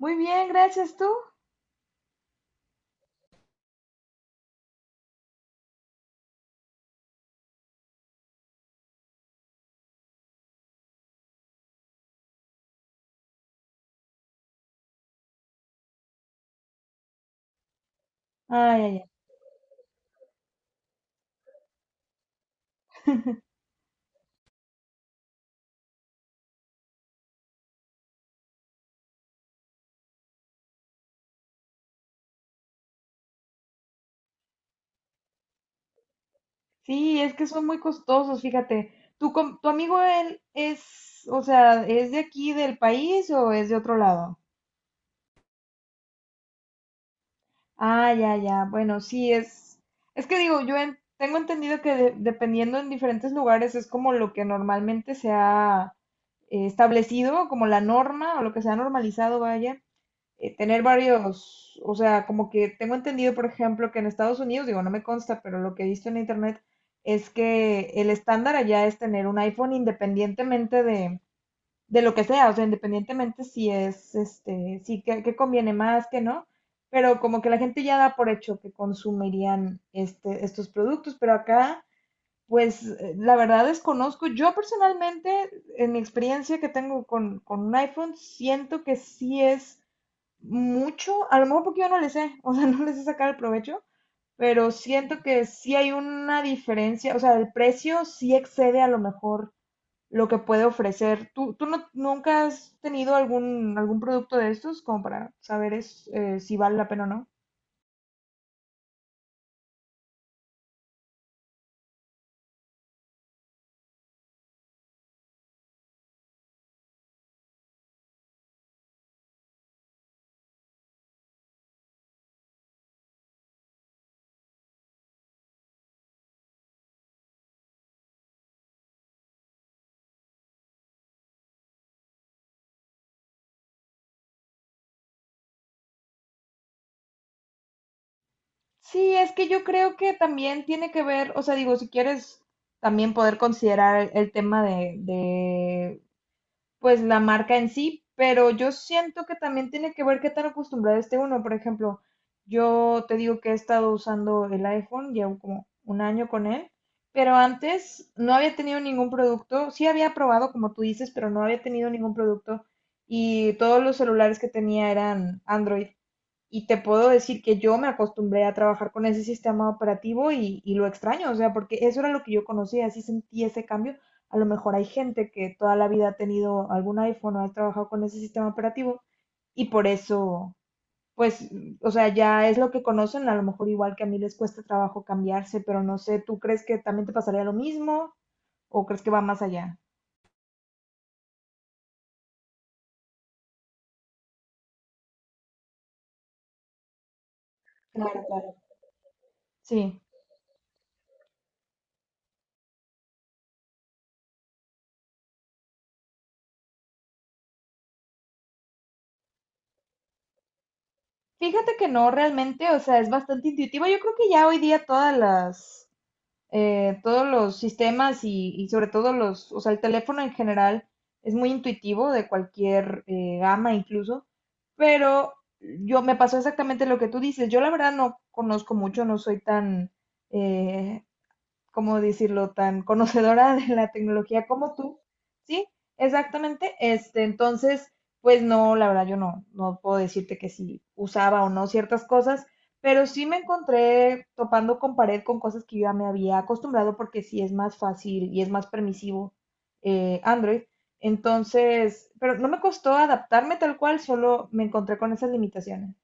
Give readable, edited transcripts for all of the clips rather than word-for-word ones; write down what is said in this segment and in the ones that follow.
Muy bien, gracias tú. Ay, ay, ay. Sí, es que son muy costosos, fíjate. ¿Tu amigo él es, o sea, es de aquí del país o es de otro lado? Ah, ya, ya. Bueno, sí es. Es que digo, tengo entendido que dependiendo en diferentes lugares es como lo que normalmente se ha establecido, como la norma o lo que se ha normalizado, vaya. Tener varios, o sea, como que tengo entendido, por ejemplo, que en Estados Unidos, digo, no me consta, pero lo que he visto en internet es que el estándar allá es tener un iPhone independientemente de lo que sea, o sea, independientemente si es, este, si que conviene más, que no, pero como que la gente ya da por hecho que consumirían estos productos, pero acá. Pues la verdad desconozco. Yo personalmente, en mi experiencia que tengo con un iPhone, siento que sí es mucho, a lo mejor porque yo no le sé, o sea, no les sé sacar el provecho, pero siento que sí hay una diferencia, o sea, el precio sí excede a lo mejor lo que puede ofrecer. ¿Tú nunca has tenido algún producto de estos como para saber si vale la pena o no? Sí, es que yo creo que también tiene que ver, o sea, digo, si quieres también poder considerar el tema de pues la marca en sí, pero yo siento que también tiene que ver qué tan acostumbrado esté uno. Por ejemplo, yo te digo que he estado usando el iPhone, llevo como un año con él, pero antes no había tenido ningún producto, sí había probado, como tú dices, pero no había tenido ningún producto y todos los celulares que tenía eran Android. Y te puedo decir que yo me acostumbré a trabajar con ese sistema operativo y lo extraño, o sea, porque eso era lo que yo conocía, así sentí ese cambio. A lo mejor hay gente que toda la vida ha tenido algún iPhone o ha trabajado con ese sistema operativo y por eso, pues, o sea, ya es lo que conocen, a lo mejor igual que a mí les cuesta trabajo cambiarse, pero no sé, ¿tú crees que también te pasaría lo mismo o crees que va más allá? Claro, claro. Sí. Fíjate que no realmente, o sea, es bastante intuitivo. Yo creo que ya hoy día todas las todos los sistemas y sobre todo los, o sea, el teléfono en general es muy intuitivo de cualquier gama incluso, pero yo me pasó exactamente lo que tú dices. Yo la verdad no conozco mucho, no soy tan, eh, ¿cómo decirlo?, tan conocedora de la tecnología como tú, ¿sí? Exactamente, este, entonces, pues no, la verdad yo no puedo decirte que si usaba o no ciertas cosas, pero sí me encontré topando con pared con cosas que yo ya me había acostumbrado porque sí es más fácil y es más permisivo Android. Entonces, pero no me costó adaptarme tal cual, solo me encontré con esas limitaciones.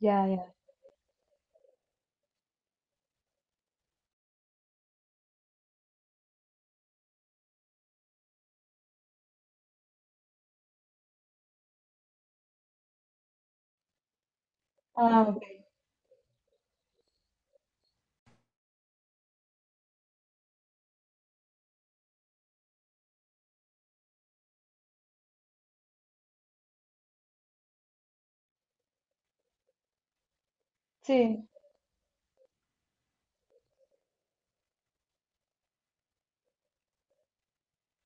Ya, ya. Ah, ok. Sí.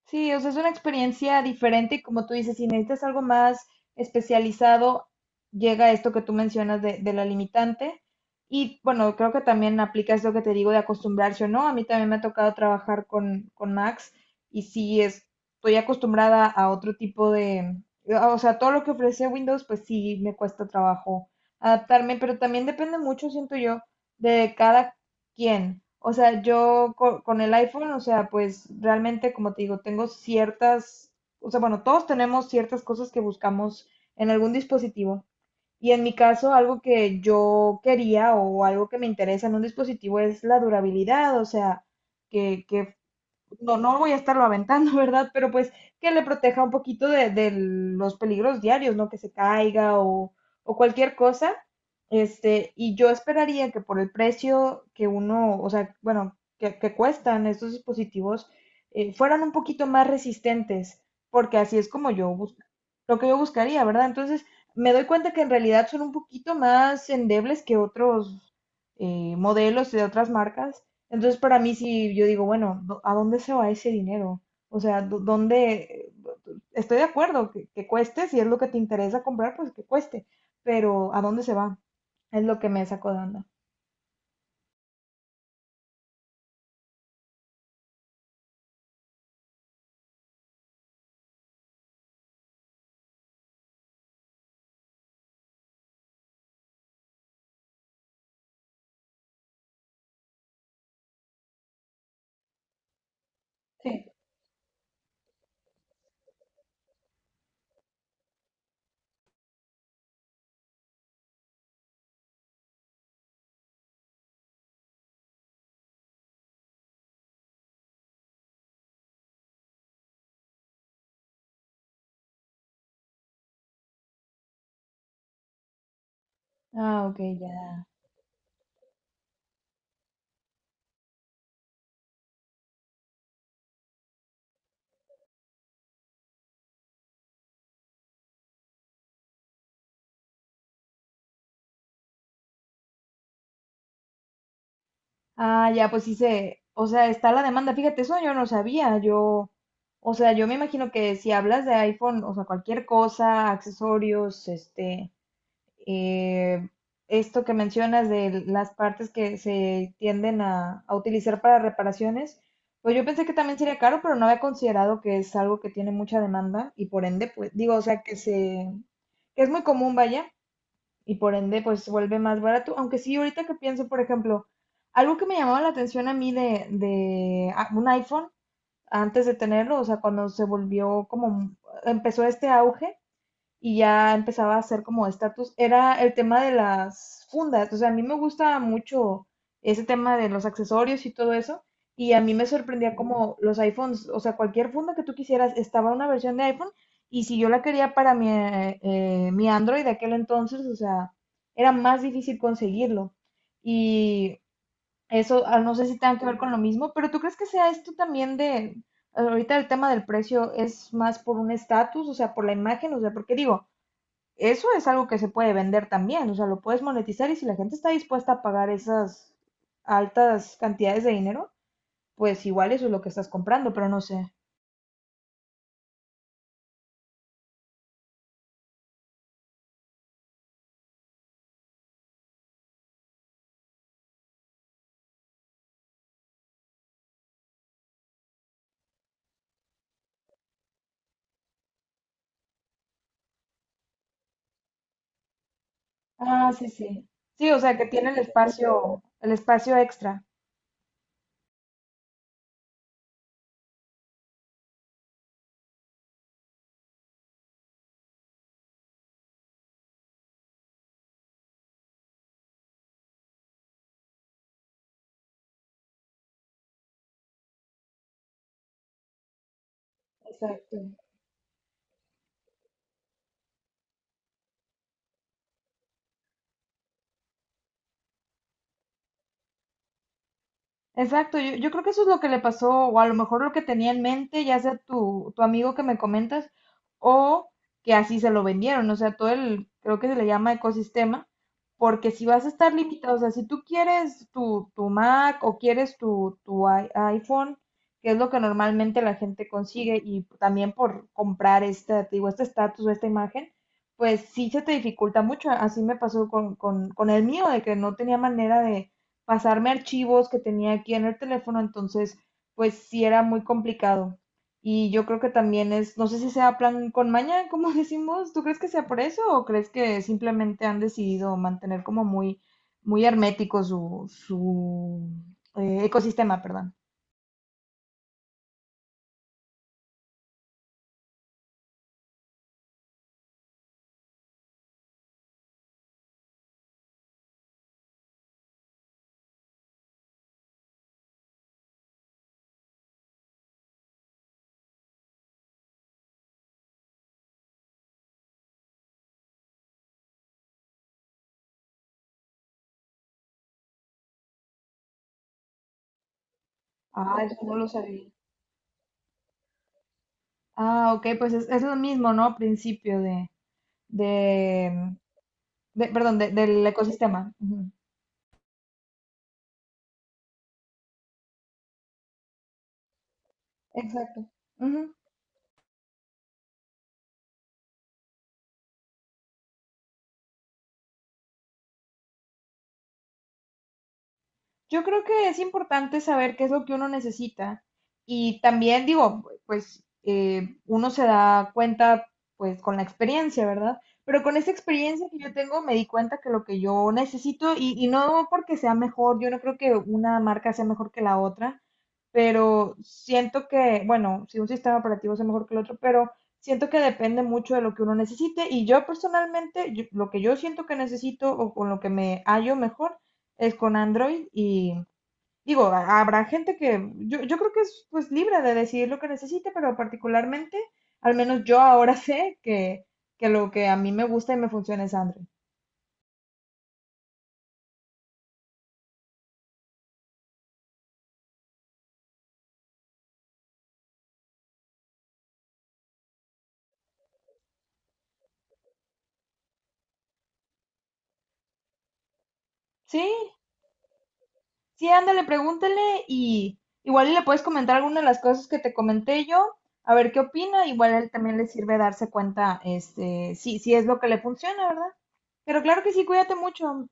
Sí, o sea, es una experiencia diferente y como tú dices, si necesitas algo más especializado, llega esto que tú mencionas de la limitante. Y bueno, creo que también aplica esto que te digo de acostumbrarse o no. A mí también me ha tocado trabajar con Max y estoy acostumbrada a otro tipo de, o sea, todo lo que ofrece Windows, pues sí me cuesta trabajo adaptarme, pero también depende mucho, siento yo, de cada. ¿Quién? O sea, el iPhone, o sea, pues realmente, como te digo, tengo ciertas, o sea, bueno, todos tenemos ciertas cosas que buscamos en algún dispositivo. Y en mi caso, algo que yo quería o algo que me interesa en un dispositivo es la durabilidad, o sea, que no voy a estarlo aventando, ¿verdad? Pero pues que le proteja un poquito de los peligros diarios, ¿no? Que se caiga o cualquier cosa. Este, y yo esperaría que por el precio que uno, o sea, bueno, que cuestan estos dispositivos, fueran un poquito más resistentes, porque así es como yo lo que yo buscaría, ¿verdad? Entonces, me doy cuenta que en realidad son un poquito más endebles que otros modelos de otras marcas, entonces, para mí, si yo digo, bueno, ¿a dónde se va ese dinero? O sea, ¿dó- ¿dónde? Estoy de acuerdo que cueste, si es lo que te interesa comprar, pues que cueste, pero ¿a dónde se va? Es lo que me sacó de onda. Sí. Ah, ok, ya. Ah, ya, pues sí se, o sea, está la demanda. Fíjate, eso yo no sabía. Yo, o sea, yo me imagino que si hablas de iPhone, o sea, cualquier cosa, accesorios, este, eh, esto que mencionas de las partes que se tienden a utilizar para reparaciones, pues yo pensé que también sería caro, pero no había considerado que es algo que tiene mucha demanda y por ende, pues digo, o sea, que se, que es muy común, vaya, y por ende, pues se vuelve más barato. Aunque sí, ahorita que pienso, por ejemplo, algo que me llamaba la atención a mí de un iPhone antes de tenerlo, o sea, cuando se volvió como, empezó este auge, y ya empezaba a hacer como estatus, era el tema de las fundas. O sea, a mí me gusta mucho ese tema de los accesorios y todo eso. Y a mí me sorprendía como los iPhones, o sea, cualquier funda que tú quisieras, estaba una versión de iPhone. Y si yo la quería para mi, mi Android de aquel entonces, o sea, era más difícil conseguirlo. Y eso, ah, no sé si tenga que ver con lo mismo, pero ¿tú crees que sea esto también de, ahorita el tema del precio es más por un estatus, o sea, por la imagen, o sea, porque digo, eso es algo que se puede vender también, o sea, lo puedes monetizar y si la gente está dispuesta a pagar esas altas cantidades de dinero, pues igual eso es lo que estás comprando, pero no sé. Ah, sí, sí. Sí, o sea, que tiene el espacio extra. Exacto. Exacto, yo creo que eso es lo que le pasó, o a lo mejor lo que tenía en mente, ya sea tu amigo que me comentas, o que así se lo vendieron, o sea, todo el, creo que se le llama ecosistema, porque si vas a estar limitado, o sea, si tú quieres tu Mac o quieres tu iPhone, que es lo que normalmente la gente consigue, y también por comprar este, te digo, este estatus o esta imagen, pues sí se te dificulta mucho, así me pasó con el mío, de que no tenía manera de pasarme archivos que tenía aquí en el teléfono, entonces pues sí era muy complicado. Y yo creo que también es, no sé si sea plan con maña, como decimos, ¿tú crees que sea por eso o crees que simplemente han decidido mantener como muy, muy hermético su ecosistema, perdón? Ah, ah, ok, pues es lo mismo, ¿no? Principio de, perdón, del ecosistema. Ujú. Exacto. Ujú. Yo creo que es importante saber qué es lo que uno necesita y también digo, pues uno se da cuenta pues con la experiencia, ¿verdad? Pero con esa experiencia que yo tengo me di cuenta que lo que yo necesito y no porque sea mejor, yo no creo que una marca sea mejor que la otra, pero siento que, bueno, si un sistema operativo sea mejor que el otro, pero siento que depende mucho de lo que uno necesite y yo personalmente, yo- lo que yo siento que necesito o con lo que me hallo mejor es con Android y digo, a- habrá gente que yo creo que es pues libre de decidir lo que necesite, pero particularmente, al menos yo ahora sé que lo que a mí me gusta y me funciona es Android. Sí, sí, ándale, pregúntale y igual y le puedes comentar alguna de las cosas que te comenté yo, a ver qué opina, igual a él también le sirve darse cuenta, este, si, si es lo que le funciona, ¿verdad? Pero claro que sí, cuídate mucho.